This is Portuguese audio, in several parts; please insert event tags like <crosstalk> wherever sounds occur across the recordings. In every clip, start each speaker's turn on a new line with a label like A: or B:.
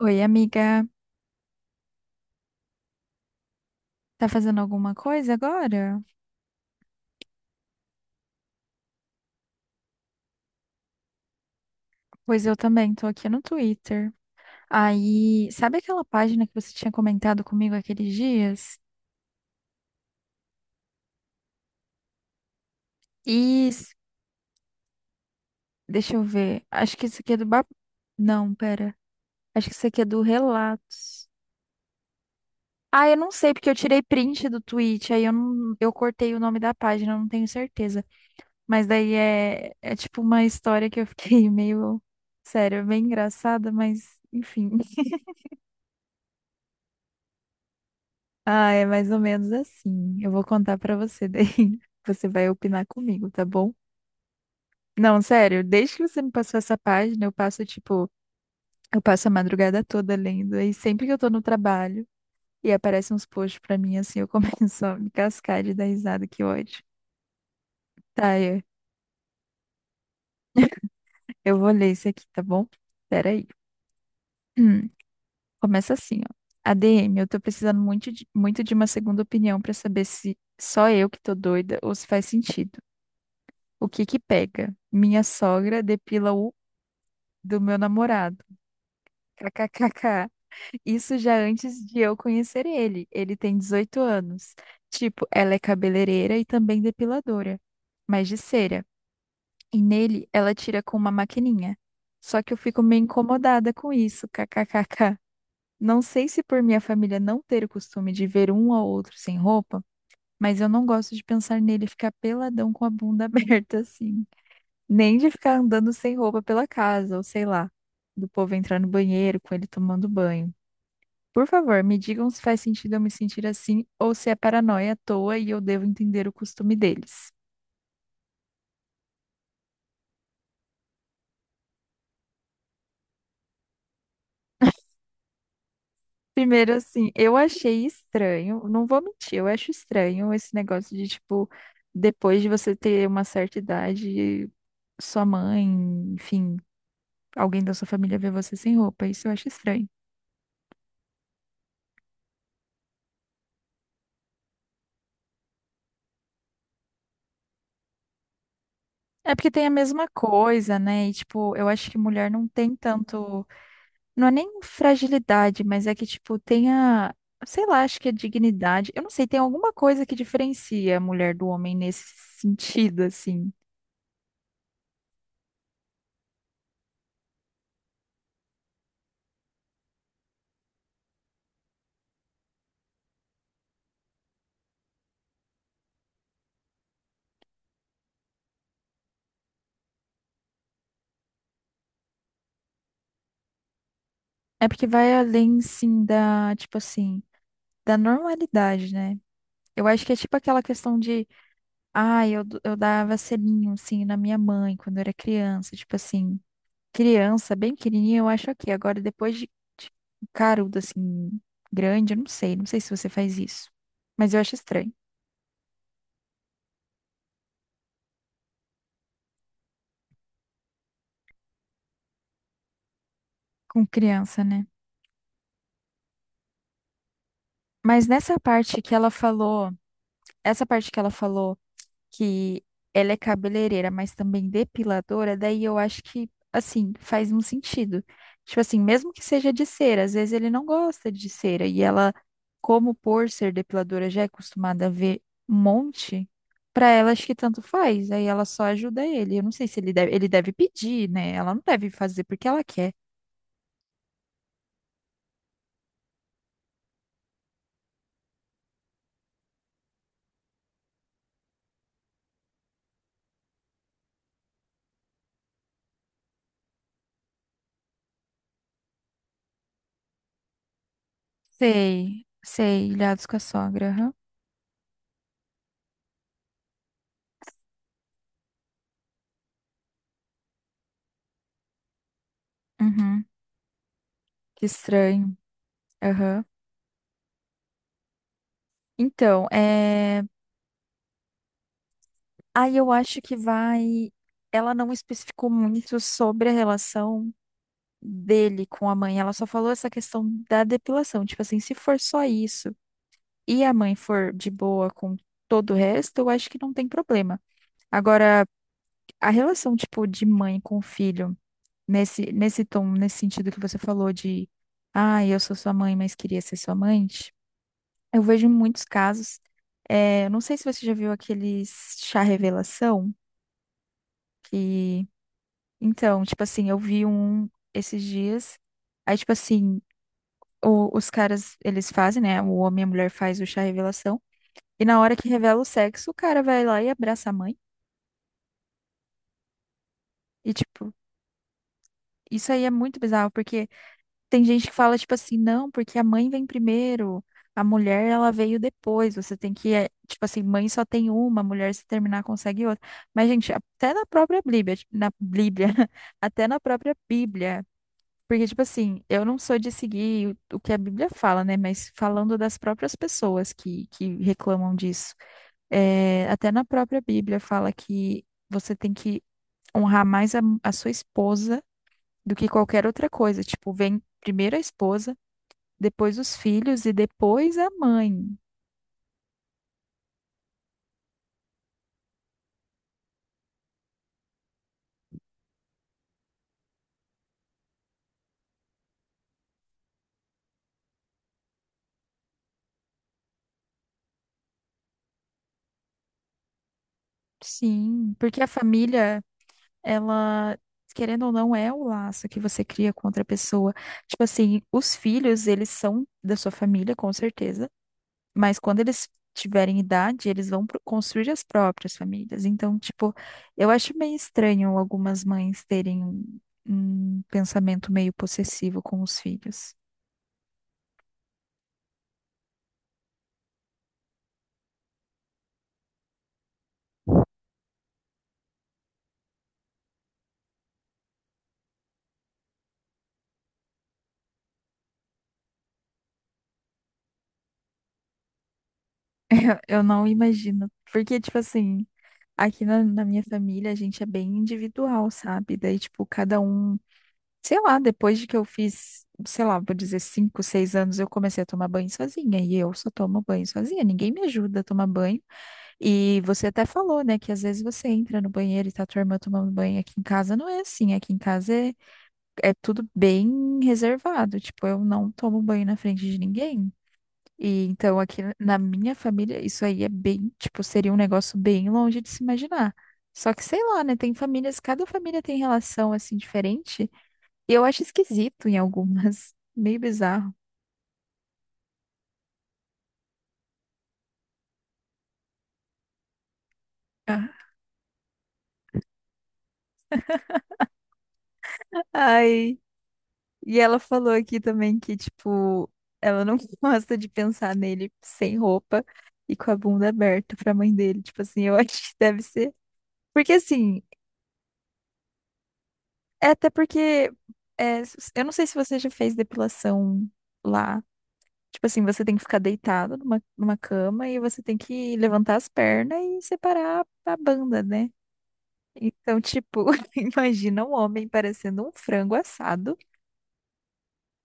A: Oi, amiga. Tá fazendo alguma coisa agora? Pois eu também, tô aqui no Twitter. Aí, sabe aquela página que você tinha comentado comigo aqueles dias? Isso, deixa eu ver. Acho que isso aqui é do Bar... Não, pera. Acho que isso aqui é do Relatos. Ah, eu não sei, porque eu tirei print do tweet, aí eu, não... eu cortei o nome da página, eu não tenho certeza. Mas daí é tipo uma história que eu fiquei <laughs> meio... Sério, é bem engraçada, mas enfim. Ah, é mais ou menos assim. Eu vou contar pra você daí. <laughs> Você vai opinar comigo, tá bom? Não, sério, desde que você me passou essa página, eu passo tipo, eu passo a madrugada toda lendo. E sempre que eu tô no trabalho e aparecem uns posts pra mim assim, eu <laughs> começo a me cascar de dar risada, que ódio. Tá, eu vou ler isso aqui, tá bom? Peraí. Hum, <clears throat> começa assim, ó. ADM, eu tô precisando muito de uma segunda opinião pra saber se só eu que tô doida ou se faz sentido. O que que pega? Minha sogra depila o do meu namorado. KKKK. Isso já antes de eu conhecer ele. Ele tem 18 anos. Tipo, ela é cabeleireira e também depiladora, mas de cera. E nele ela tira com uma maquininha. Só que eu fico meio incomodada com isso. KKKK. Não sei se por minha família não ter o costume de ver um ao outro sem roupa, mas eu não gosto de pensar nele ficar peladão com a bunda <laughs> aberta assim. Nem de ficar andando sem roupa pela casa, ou sei lá, do povo entrar no banheiro com ele tomando banho. Por favor, me digam se faz sentido eu me sentir assim ou se é paranoia à toa e eu devo entender o costume deles. Primeiro, assim, eu achei estranho, não vou mentir, eu acho estranho esse negócio de, tipo, depois de você ter uma certa idade, sua mãe, enfim, alguém da sua família vê você sem roupa. Isso eu acho estranho. É porque tem a mesma coisa, né? E, tipo, eu acho que mulher não tem tanto. Não é nem fragilidade, mas é que, tipo, tenha, sei lá, acho que é dignidade. Eu não sei, tem alguma coisa que diferencia a mulher do homem nesse sentido, assim. É porque vai além, sim, da, tipo assim, da normalidade, né? Eu acho que é tipo aquela questão de, ah, eu dava selinho, assim, na minha mãe quando eu era criança. Tipo assim, criança, bem pequenininha, eu acho ok. Agora, depois de carudo, assim, grande, eu não sei. Não sei se você faz isso. Mas eu acho estranho. Com criança, né? Mas nessa parte que ela falou, essa parte que ela falou que ela é cabeleireira, mas também depiladora, daí eu acho que, assim, faz um sentido. Tipo assim, mesmo que seja de cera, às vezes ele não gosta de cera, e ela, como por ser depiladora, já é acostumada a ver um monte, pra ela acho que tanto faz, aí ela só ajuda ele. Eu não sei se ele deve pedir, né? Ela não deve fazer porque ela quer. Sei, sei, ilhados com a sogra, aham. Uhum. Que estranho. Aham. Então, aí eu acho que vai. Ela não especificou muito sobre a relação dele com a mãe. Ela só falou essa questão da depilação. Tipo assim, se for só isso e a mãe for de boa com todo o resto, eu acho que não tem problema. Agora, a relação, tipo, de mãe com filho, nesse tom, nesse sentido que você falou de, ah, eu sou sua mãe, mas queria ser sua mãe, eu vejo muitos casos. É, eu não sei se você já viu aqueles chá revelação. Que, então, tipo assim, eu vi um esses dias. Aí, tipo assim, os caras, eles fazem, né? O homem e a mulher faz o chá revelação. E na hora que revela o sexo, o cara vai lá e abraça a mãe. E, tipo, isso aí é muito bizarro, porque tem gente que fala, tipo assim, não, porque a mãe vem primeiro, a mulher, ela veio depois. Você tem que, é, tipo assim, mãe só tem uma, mulher se terminar consegue outra. Mas, gente, até na própria Bíblia, na Bíblia, <laughs> até na própria Bíblia. Porque, tipo assim, eu não sou de seguir o que a Bíblia fala, né? Mas falando das próprias pessoas que reclamam disso. É, até na própria Bíblia fala que você tem que honrar mais a sua esposa do que qualquer outra coisa. Tipo, vem primeiro a esposa, depois os filhos e depois a mãe. Sim, porque a família, ela, querendo ou não, é o laço que você cria com outra pessoa. Tipo assim, os filhos, eles são da sua família, com certeza. Mas quando eles tiverem idade, eles vão construir as próprias famílias. Então, tipo, eu acho meio estranho algumas mães terem um pensamento meio possessivo com os filhos. Eu não imagino. Porque, tipo assim, aqui na, na minha família, a gente é bem individual, sabe? Daí, tipo, cada um, sei lá, depois de que eu fiz, sei lá, vou dizer cinco, seis anos, eu comecei a tomar banho sozinha. E eu só tomo banho sozinha, ninguém me ajuda a tomar banho. E você até falou, né, que às vezes você entra no banheiro e tá tua irmã tomando banho. Aqui em casa não é assim, aqui em casa é tudo bem reservado. Tipo, eu não tomo banho na frente de ninguém. E então aqui na minha família, isso aí é bem, tipo, seria um negócio bem longe de se imaginar. Só que sei lá, né? Tem famílias, cada família tem relação assim diferente. E eu acho esquisito em algumas, <laughs> meio bizarro. Ai, e ela falou aqui também que, tipo, ela não <laughs> gosta de pensar nele sem roupa e com a bunda aberta pra mãe dele. Tipo assim, eu <laughs> acho que deve ser. Porque assim, é até porque é, eu não sei se você já fez depilação lá. Tipo assim, você tem que ficar deitado numa cama e você tem que levantar as pernas e separar a banda, né? Então, tipo, <laughs> imagina um homem parecendo um frango assado.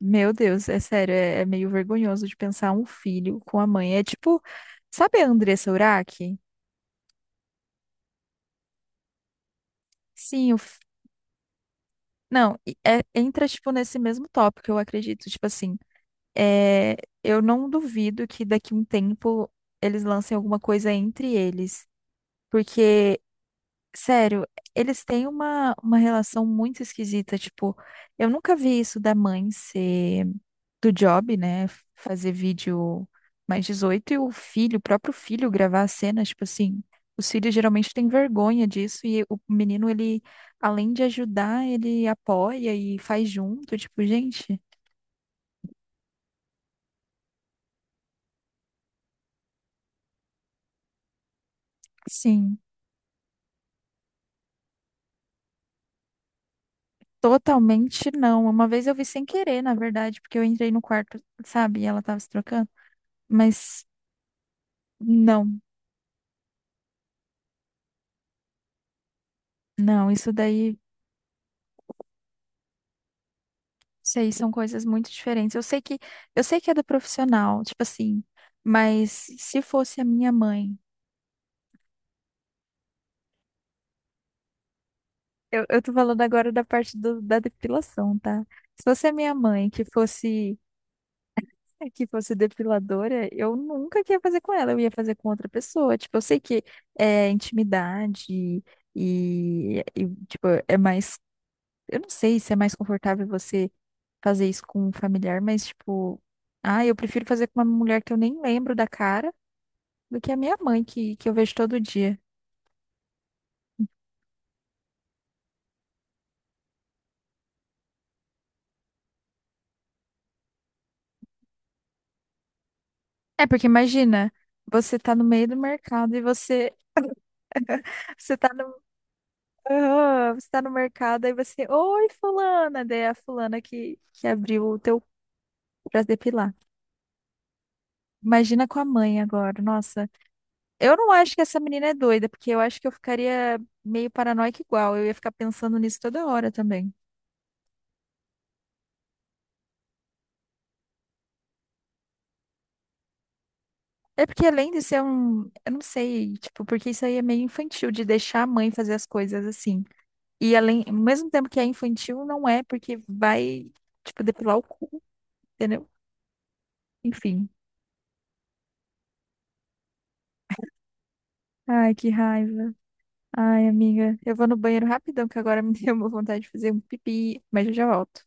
A: Meu Deus, é sério, é meio vergonhoso de pensar um filho com a mãe. É tipo, sabe a Andressa Urach? Sim, não, entra, tipo, nesse mesmo tópico, eu acredito. Tipo assim, é, eu não duvido que daqui um tempo eles lancem alguma coisa entre eles. Porque sério, eles têm uma relação muito esquisita. Tipo, eu nunca vi isso da mãe ser do job, né? Fazer vídeo +18 e o filho, o próprio filho, gravar a cena. Tipo assim, os filhos geralmente têm vergonha disso e o menino, ele, além de ajudar, ele apoia e faz junto. Tipo, gente, sim, totalmente não. Uma vez eu vi sem querer, na verdade, porque eu entrei no quarto, sabe? E ela tava se trocando. Mas. Não, não, isso daí. Sei, são coisas muito diferentes. Eu sei que é do profissional, tipo assim, mas se fosse a minha mãe, eu tô falando agora da parte do- da depilação, tá? Se fosse a minha mãe que fosse depiladora, eu nunca que ia fazer com ela, eu ia fazer com outra pessoa. Tipo, eu sei que é intimidade e tipo, é mais, eu não sei se é mais confortável você fazer isso com um familiar, mas tipo, ah, eu prefiro fazer com uma mulher que eu nem lembro da cara do que a minha mãe, que eu vejo todo dia. É, porque imagina, você tá no meio do mercado e você, <laughs> você tá no, aham, você tá no mercado e você, oi, fulana, daí é a fulana que abriu o teu pra depilar. Imagina com a mãe agora, nossa. Eu não acho que essa menina é doida, porque eu acho que eu ficaria meio paranoica igual, eu ia ficar pensando nisso toda hora também. É porque além de ser um, eu não sei, tipo, porque isso aí é meio infantil de deixar a mãe fazer as coisas assim. E além, ao mesmo tempo que é infantil, não é, porque vai, tipo, depilar o cu, entendeu? Enfim. Ai, que raiva. Ai, amiga, eu vou no banheiro rapidão, que agora <laughs> me deu uma vontade de fazer um pipi, mas eu já volto.